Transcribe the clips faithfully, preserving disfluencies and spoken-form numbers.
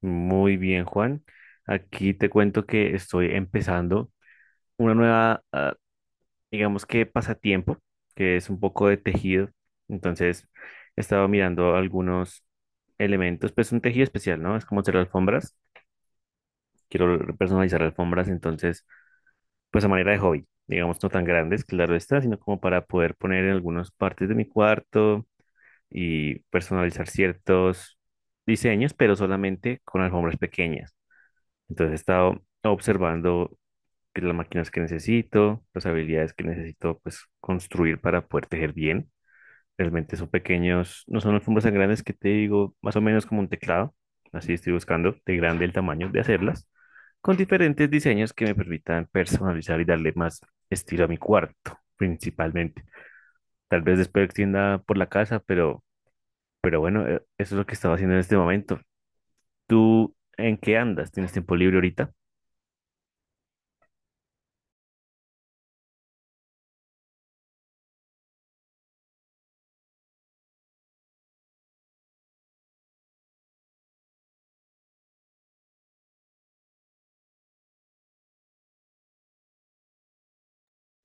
Muy bien, Juan. Aquí te cuento que estoy empezando una nueva, ah, digamos que pasatiempo, que es un poco de tejido. Entonces, he estado mirando algunos elementos, pues un tejido especial, ¿no? Es como hacer alfombras. Quiero personalizar alfombras, entonces, pues a manera de hobby, digamos, no tan grandes, claro está, sino como para poder poner en algunas partes de mi cuarto y personalizar ciertos diseños, pero solamente con alfombras pequeñas. Entonces he estado observando que las máquinas que necesito, las habilidades que necesito pues construir para poder tejer bien. Realmente son pequeños, no son alfombras tan grandes que te digo, más o menos como un teclado. Así estoy buscando de grande el tamaño de hacerlas, con diferentes diseños que me permitan personalizar y darle más estilo a mi cuarto, principalmente. Tal vez después extienda por la casa, pero, pero bueno, eh, eso es lo que estaba haciendo en este momento. ¿Tú en qué andas? ¿Tienes tiempo libre ahorita?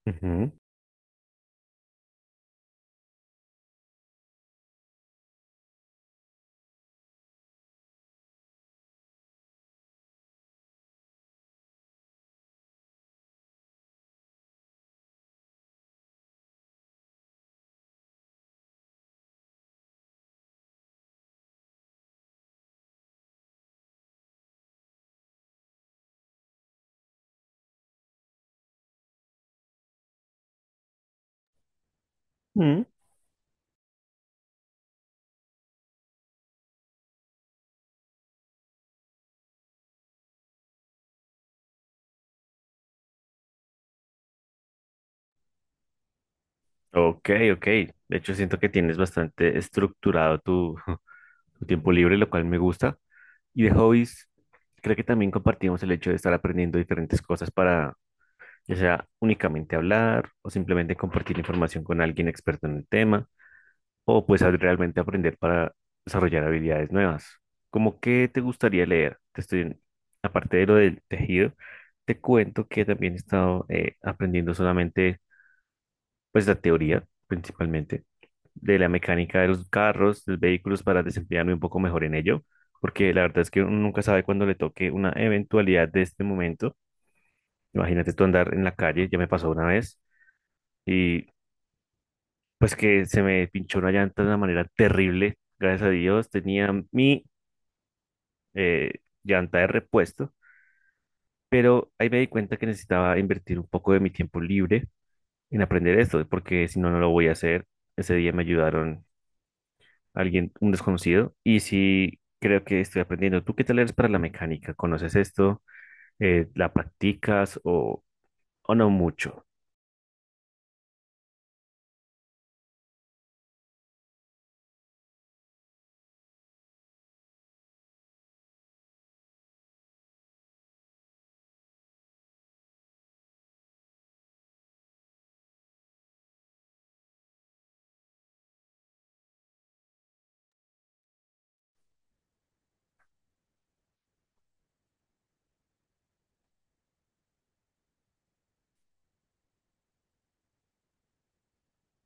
Ujú. Mm, Ok, ok. De hecho, siento que tienes bastante estructurado tu, tu tiempo libre, lo cual me gusta. Y de hobbies, creo que también compartimos el hecho de estar aprendiendo diferentes cosas para, ya sea únicamente hablar o simplemente compartir información con alguien experto en el tema, o pues al realmente aprender para desarrollar habilidades nuevas. ¿Cómo qué te gustaría leer? Te estoy, aparte de lo del tejido, te cuento que también he estado eh, aprendiendo solamente pues la teoría principalmente de la mecánica de los carros, de los vehículos para desempeñarme un poco mejor en ello, porque la verdad es que uno nunca sabe cuándo le toque una eventualidad de este momento. Imagínate tú andar en la calle, ya me pasó una vez, y pues que se me pinchó una llanta de una manera terrible, gracias a Dios, tenía mi eh, llanta de repuesto, pero ahí me di cuenta que necesitaba invertir un poco de mi tiempo libre en aprender esto, porque si no, no lo voy a hacer. Ese día me ayudaron alguien, un desconocido, y sí creo que estoy aprendiendo. ¿Tú qué tal eres para la mecánica? ¿Conoces esto? Eh, ¿la practicas o, o no mucho?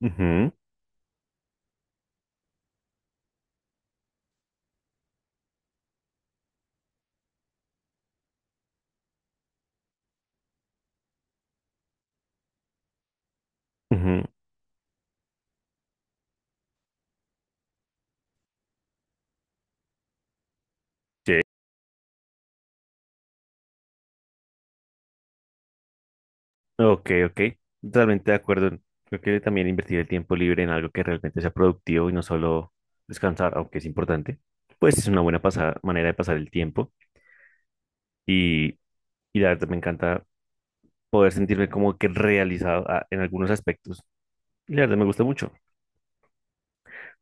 Ujú, ujú, sí. Ok, ok. Totalmente de acuerdo. Creo que también invertir el tiempo libre en algo que realmente sea productivo y no solo descansar, aunque es importante, pues es una buena pasa- manera de pasar el tiempo. Y, y la verdad me encanta poder sentirme como que realizado ah, en algunos aspectos. Y la verdad me gusta mucho.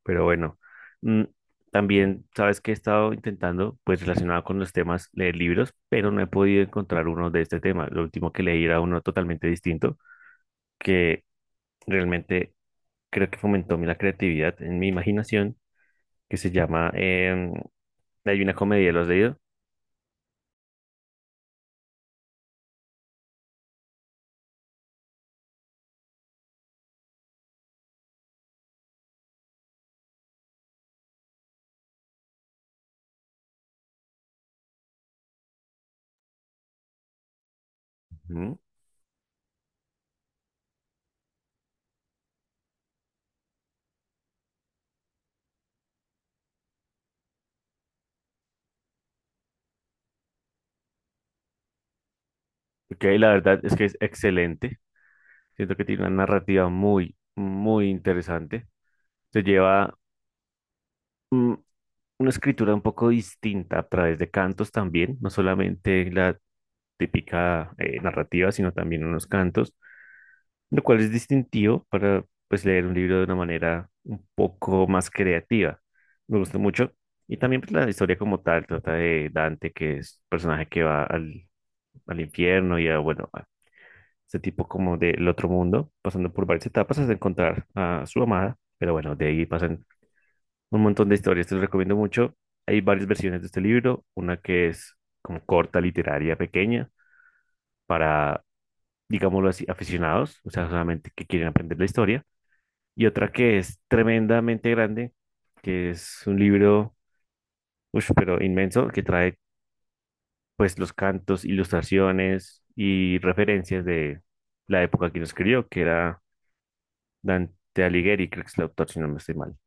Pero bueno, mm, también sabes que he estado intentando, pues relacionado con los temas, leer libros, pero no he podido encontrar uno de este tema. Lo último que leí era uno totalmente distinto, que realmente creo que fomentó mi la creatividad en mi imaginación, que se llama em, Hay una comedia, ¿lo has leído? Ujú. Ok, la verdad es que es excelente. Siento que tiene una narrativa muy, muy interesante. Se lleva una escritura un poco distinta a través de cantos también, no solamente la típica eh, narrativa, sino también unos cantos, lo cual es distintivo para pues leer un libro de una manera un poco más creativa. Me gusta mucho. Y también pues, la historia como tal trata de Dante, que es un personaje que va al, al infierno y a, bueno, a ese tipo como del otro mundo, pasando por varias etapas hasta encontrar a su amada, pero bueno, de ahí pasan un montón de historias, te lo recomiendo mucho. Hay varias versiones de este libro, una que es como corta, literaria, pequeña, para, digámoslo así, aficionados, o sea, solamente que quieren aprender la historia, y otra que es tremendamente grande, que es un libro, ush, pero inmenso, que trae pues los cantos, ilustraciones y referencias de la época que lo escribió, que era Dante Alighieri, creo que es el autor, si no me estoy mal.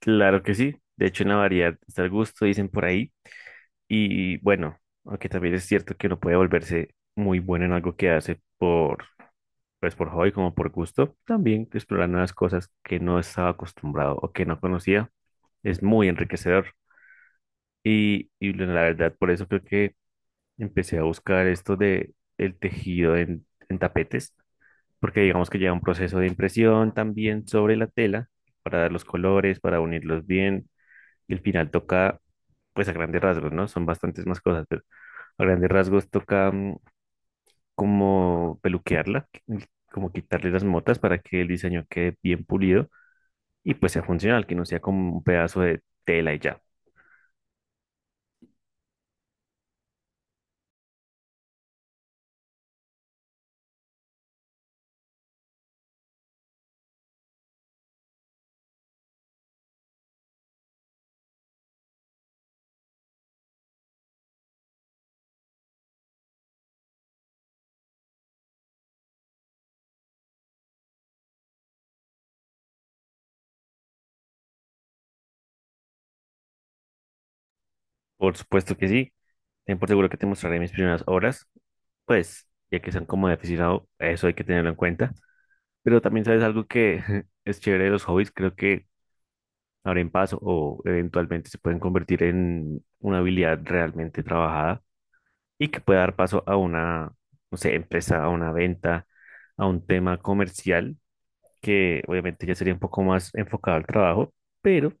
Claro que sí, de hecho en la variedad está el gusto, dicen por ahí. Y bueno, aunque también es cierto que uno puede volverse muy bueno en algo que hace por, pues por hobby como por gusto, también explorar nuevas cosas que no estaba acostumbrado o que no conocía es muy enriquecedor. Y, y bueno, la verdad, por eso creo que empecé a buscar esto de el tejido en, en tapetes, porque digamos que lleva un proceso de impresión también sobre la tela para dar los colores, para unirlos bien. Y al final toca, pues a grandes rasgos, ¿no? Son bastantes más cosas, pero a grandes rasgos toca mm, como peluquearla, qu- como quitarle las motas para que el diseño quede bien pulido y pues sea funcional, que no sea como un pedazo de tela y ya. Por supuesto que sí, ten por seguro que te mostraré mis primeras obras, pues ya que son como de aficionado, eso hay que tenerlo en cuenta. Pero también sabes algo que es chévere de los hobbies, creo que abren paso o eventualmente se pueden convertir en una habilidad realmente trabajada y que pueda dar paso a una, no sé, empresa, a una venta, a un tema comercial, que obviamente ya sería un poco más enfocado al trabajo, pero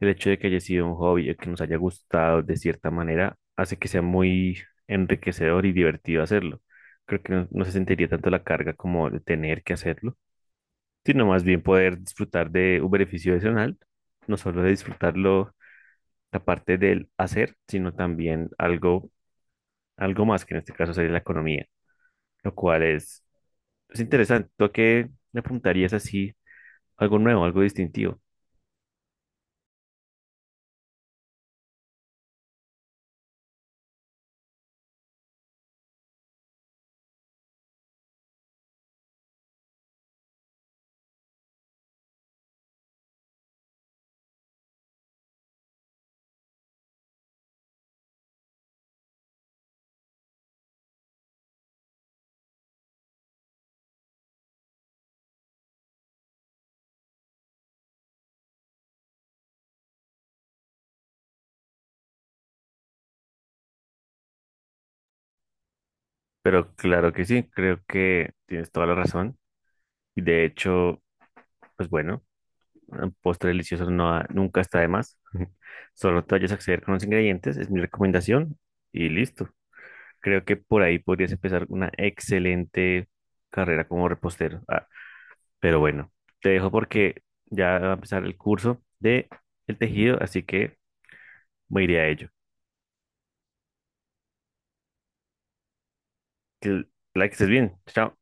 el hecho de que haya sido un hobby o que nos haya gustado de cierta manera hace que sea muy enriquecedor y divertido hacerlo. Creo que no, no se sentiría tanto la carga como de tener que hacerlo, sino más bien poder disfrutar de un beneficio adicional, no solo de disfrutarlo la parte del hacer, sino también algo, algo más, que en este caso sería la economía. Lo cual es, es interesante. ¿Tú a qué le apuntarías así? Algo nuevo, algo distintivo. Pero claro que sí, creo que tienes toda la razón. Y de hecho, pues bueno, un postre delicioso no, ha- nunca está de más. Solo te vayas a acceder con los ingredientes, es mi recomendación. Y listo. Creo que por ahí podrías empezar una excelente carrera como repostero. Ah, pero bueno, te dejo porque ya va a empezar el curso de el tejido, así que me iré a ello. Que la estés bien. Chao.